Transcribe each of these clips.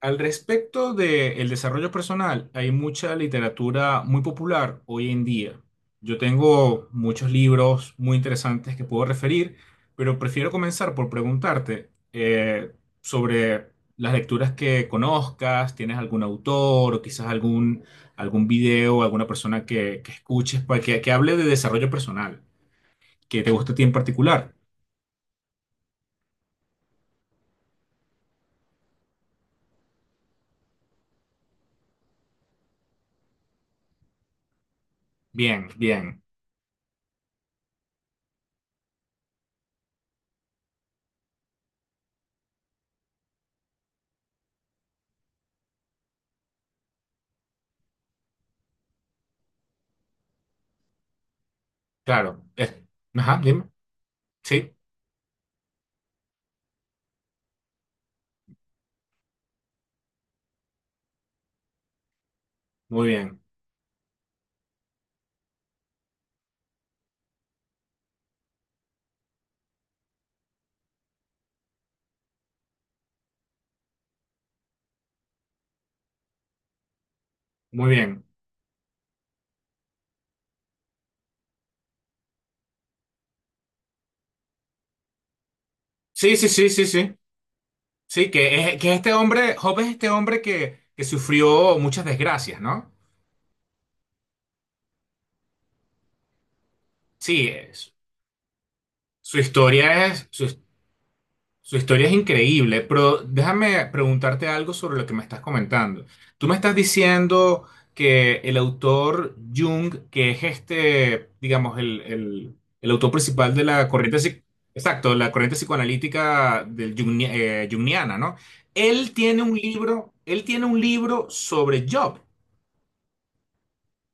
Al respecto del desarrollo personal, hay mucha literatura muy popular hoy en día. Yo tengo muchos libros muy interesantes que puedo referir, pero prefiero comenzar por preguntarte sobre las lecturas que conozcas, tienes algún autor o quizás algún video, alguna persona que escuches que hable de desarrollo personal, que te guste a ti en particular. Bien, bien, claro. Ajá, dime. Sí, muy bien, muy bien. Sí, sí, sí, sí, sí. Sí, que es este hombre, Job es este hombre que sufrió muchas desgracias, ¿no? Sí, su historia es, su historia es increíble, pero déjame preguntarte algo sobre lo que me estás comentando. Tú me estás diciendo que el autor Jung, que es este, digamos, el autor principal de la corriente, exacto, la corriente psicoanalítica del Jungniana, ¿no? Él tiene un libro, él tiene un libro sobre Job.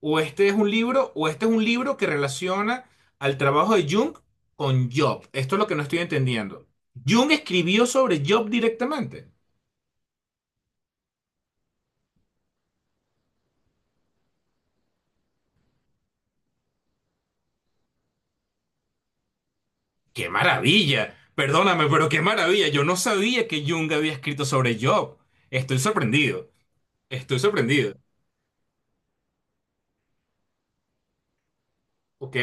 O este es un libro, o este es un libro que relaciona al trabajo de Jung con Job. Esto es lo que no estoy entendiendo. Jung escribió sobre Job directamente. ¡Qué maravilla! Perdóname, pero qué maravilla. Yo no sabía que Jung había escrito sobre Job. Estoy sorprendido. Estoy sorprendido. ¿Ok?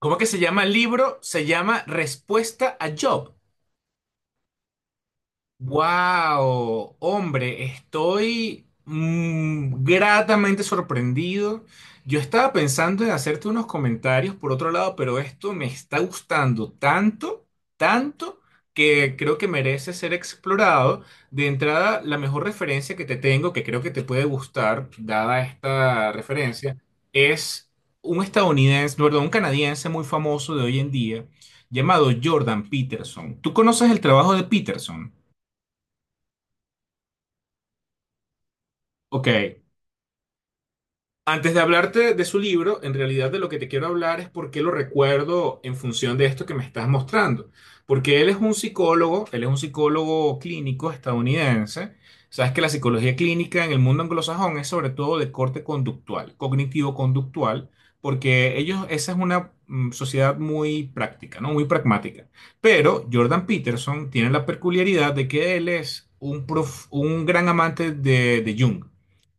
¿Cómo que se llama el libro? Se llama Respuesta a Job. Wow, hombre, estoy gratamente sorprendido. Yo estaba pensando en hacerte unos comentarios por otro lado, pero esto me está gustando tanto, tanto, que creo que merece ser explorado. De entrada, la mejor referencia que te tengo, que creo que te puede gustar, dada esta referencia, es un estadounidense, perdón, un canadiense muy famoso de hoy en día, llamado Jordan Peterson. ¿Tú conoces el trabajo de Peterson? Ok, antes de hablarte de su libro, en realidad de lo que te quiero hablar es por qué lo recuerdo en función de esto que me estás mostrando. Porque él es un psicólogo, él es un psicólogo clínico estadounidense. Sabes que la psicología clínica en el mundo anglosajón es sobre todo de corte conductual, cognitivo-conductual, porque ellos, esa es una sociedad muy práctica, ¿no? Muy pragmática. Pero Jordan Peterson tiene la peculiaridad de que él es un gran amante de Jung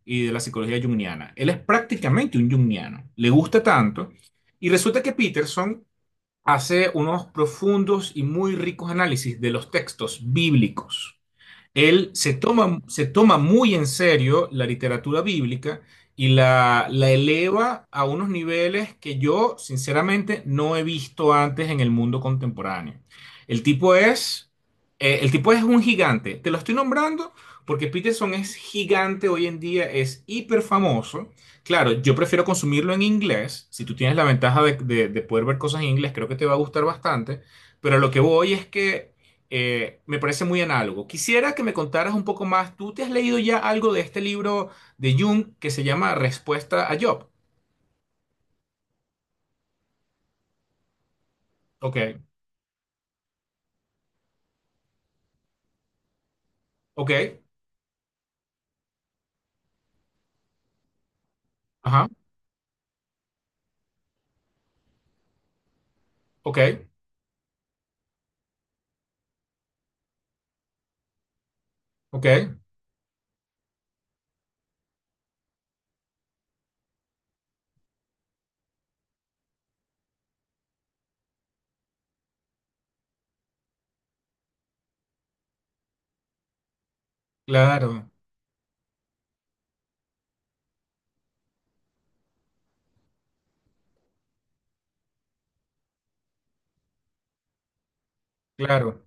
y de la psicología junguiana. Él es prácticamente un junguiano, le gusta tanto. Y resulta que Peterson hace unos profundos y muy ricos análisis de los textos bíblicos. Él se toma muy en serio la literatura bíblica y la eleva a unos niveles que yo, sinceramente, no he visto antes en el mundo contemporáneo. El tipo es, el tipo es un gigante. Te lo estoy nombrando porque Peterson es gigante hoy en día, es hiper famoso. Claro, yo prefiero consumirlo en inglés. Si tú tienes la ventaja de poder ver cosas en inglés, creo que te va a gustar bastante. Pero a lo que voy es que me parece muy análogo. Quisiera que me contaras un poco más. ¿Tú te has leído ya algo de este libro de Jung que se llama Respuesta a Job? Ok, ok, ajá, ok, ok, claro, claro,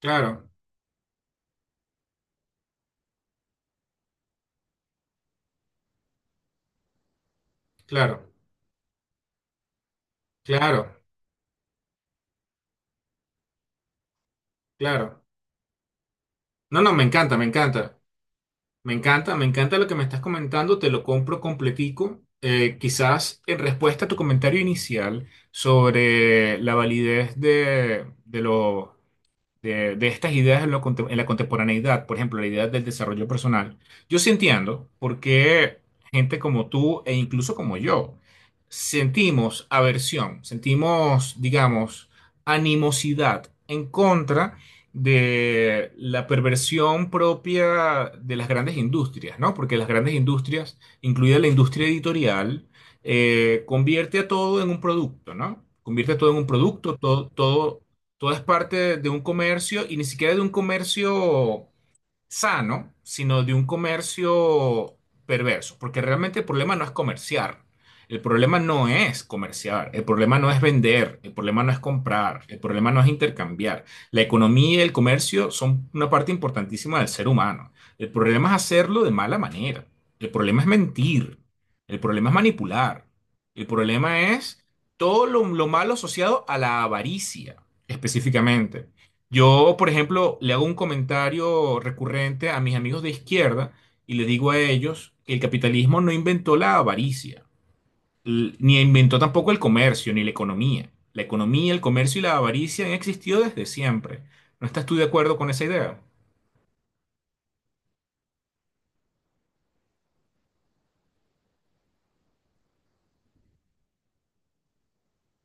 claro, claro, claro, claro. No, no, me encanta, me encanta, me encanta, me encanta lo que me estás comentando, te lo compro completico. Quizás en respuesta a tu comentario inicial sobre la validez de los de estas ideas en, en la contemporaneidad, por ejemplo, la idea del desarrollo personal, yo sí entiendo por qué gente como tú e incluso como yo sentimos aversión, sentimos, digamos, animosidad en contra de la perversión propia de las grandes industrias, ¿no? Porque las grandes industrias, incluida la industria editorial, convierte a todo en un producto, ¿no? Convierte a todo en un producto, todo, todo todo es parte de un comercio y ni siquiera de un comercio sano, sino de un comercio perverso, porque realmente el problema no es comerciar, el problema no es comerciar, el problema no es vender, el problema no es comprar, el problema no es intercambiar. La economía y el comercio son una parte importantísima del ser humano. El problema es hacerlo de mala manera, el problema es mentir, el problema es manipular, el problema es todo lo malo asociado a la avaricia, específicamente. Yo, por ejemplo, le hago un comentario recurrente a mis amigos de izquierda y le digo a ellos que el capitalismo no inventó la avaricia, ni inventó tampoco el comercio, ni la economía. La economía, el comercio y la avaricia han existido desde siempre. ¿No estás tú de acuerdo con esa idea?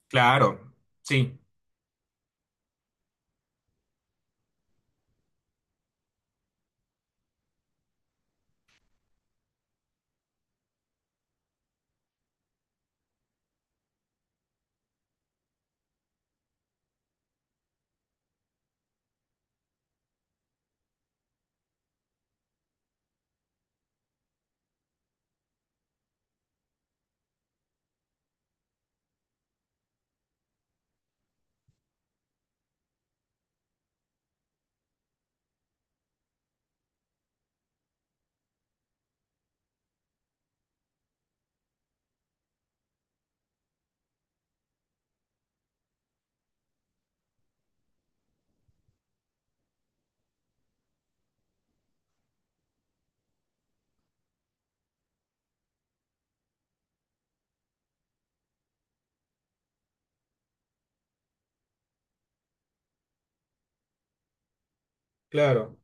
Claro, sí. Claro,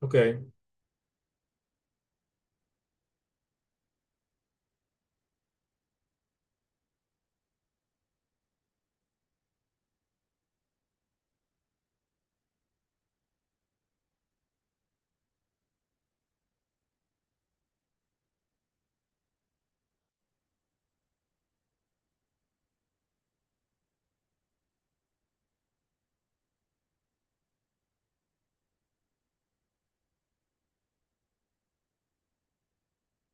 ok.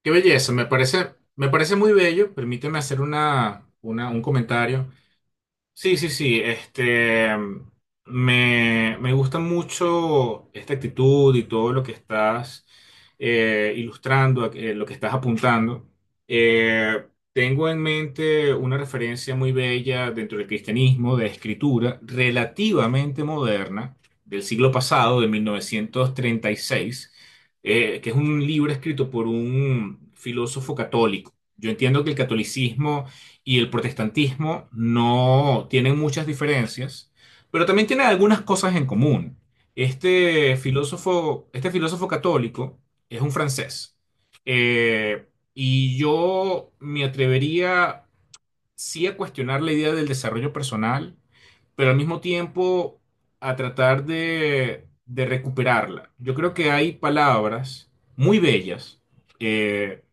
Qué belleza, me parece muy bello. Permíteme hacer un comentario. Sí, sí, sí. Este, me gusta mucho esta actitud y todo lo que estás ilustrando, lo que estás apuntando. Eh, tengo en mente una referencia muy bella dentro del cristianismo de escritura relativamente moderna del siglo pasado, de 1936, que es un libro escrito por un filósofo católico. Yo entiendo que el catolicismo y el protestantismo no tienen muchas diferencias, pero también tienen algunas cosas en común. Este filósofo católico es un francés. Eh, y yo me atrevería sí a cuestionar la idea del desarrollo personal pero al mismo tiempo a tratar de recuperarla. Yo creo que hay palabras muy bellas, eh,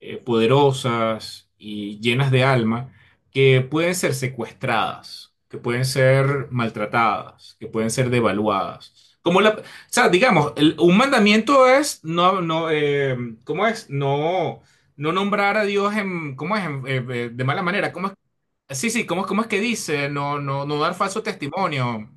poderosas y llenas de alma, que pueden ser secuestradas, que pueden ser maltratadas, que pueden ser devaluadas. Como la, o sea, digamos, un mandamiento es ¿cómo es? No, no nombrar a Dios en, ¿cómo es? De mala manera. Sí, sí, ¿cómo, cómo es que dice? No, no, no dar falso testimonio.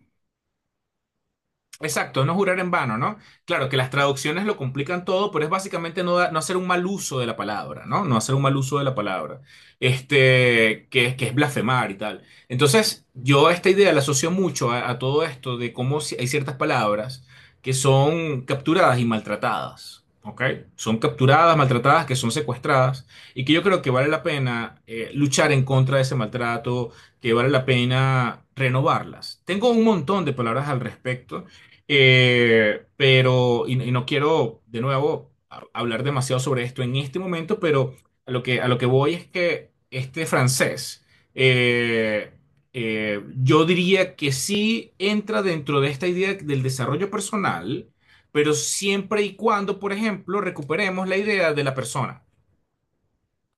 Exacto, no jurar en vano, ¿no? Claro que las traducciones lo complican todo, pero es básicamente no, no hacer un mal uso de la palabra, ¿no? No hacer un mal uso de la palabra, este, que es blasfemar y tal. Entonces, yo esta idea la asocio mucho a todo esto de cómo hay ciertas palabras que son capturadas y maltratadas, ¿ok? Son capturadas, maltratadas, que son secuestradas y que yo creo que vale la pena luchar en contra de ese maltrato, que vale la pena renovarlas. Tengo un montón de palabras al respecto. Pero, y no quiero de nuevo hablar demasiado sobre esto en este momento, pero a lo que voy es que este francés, eh, yo diría que sí entra dentro de esta idea del desarrollo personal, pero siempre y cuando, por ejemplo, recuperemos la idea de la persona.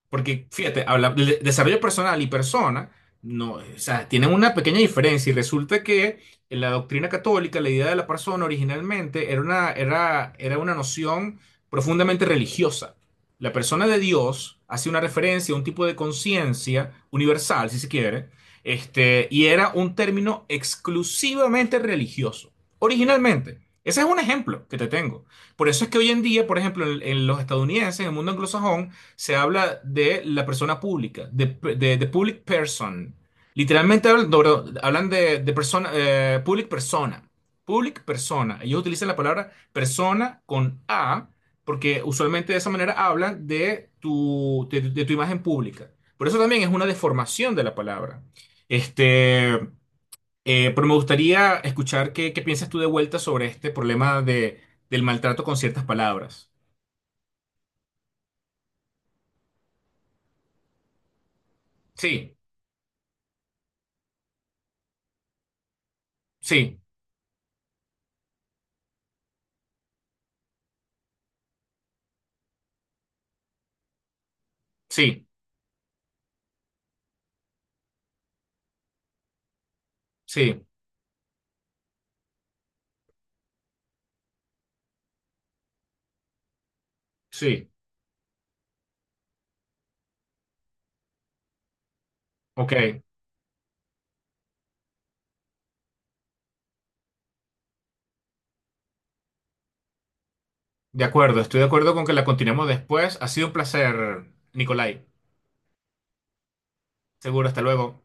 Porque, fíjate, habla, desarrollo personal y persona, no, o sea, tienen una pequeña diferencia y resulta que en la doctrina católica, la idea de la persona originalmente era una, era una noción profundamente religiosa. La persona de Dios hace una referencia a un tipo de conciencia universal, si se quiere, este, y era un término exclusivamente religioso, originalmente. Ese es un ejemplo que te tengo. Por eso es que hoy en día, por ejemplo, en los estadounidenses, en el mundo anglosajón, se habla de la persona pública, de public person. Literalmente hablan, no, perdón, hablan de persona, public persona. Public persona. Ellos utilizan la palabra persona con A, porque usualmente de esa manera hablan de de tu imagen pública. Por eso también es una deformación de la palabra. Este, pero me gustaría escuchar qué piensas tú de vuelta sobre este problema de, del maltrato con ciertas palabras. Sí, sí, sí, sí. Sí, ok, de acuerdo, estoy de acuerdo con que la continuemos después. Ha sido un placer, Nicolai. Seguro, hasta luego.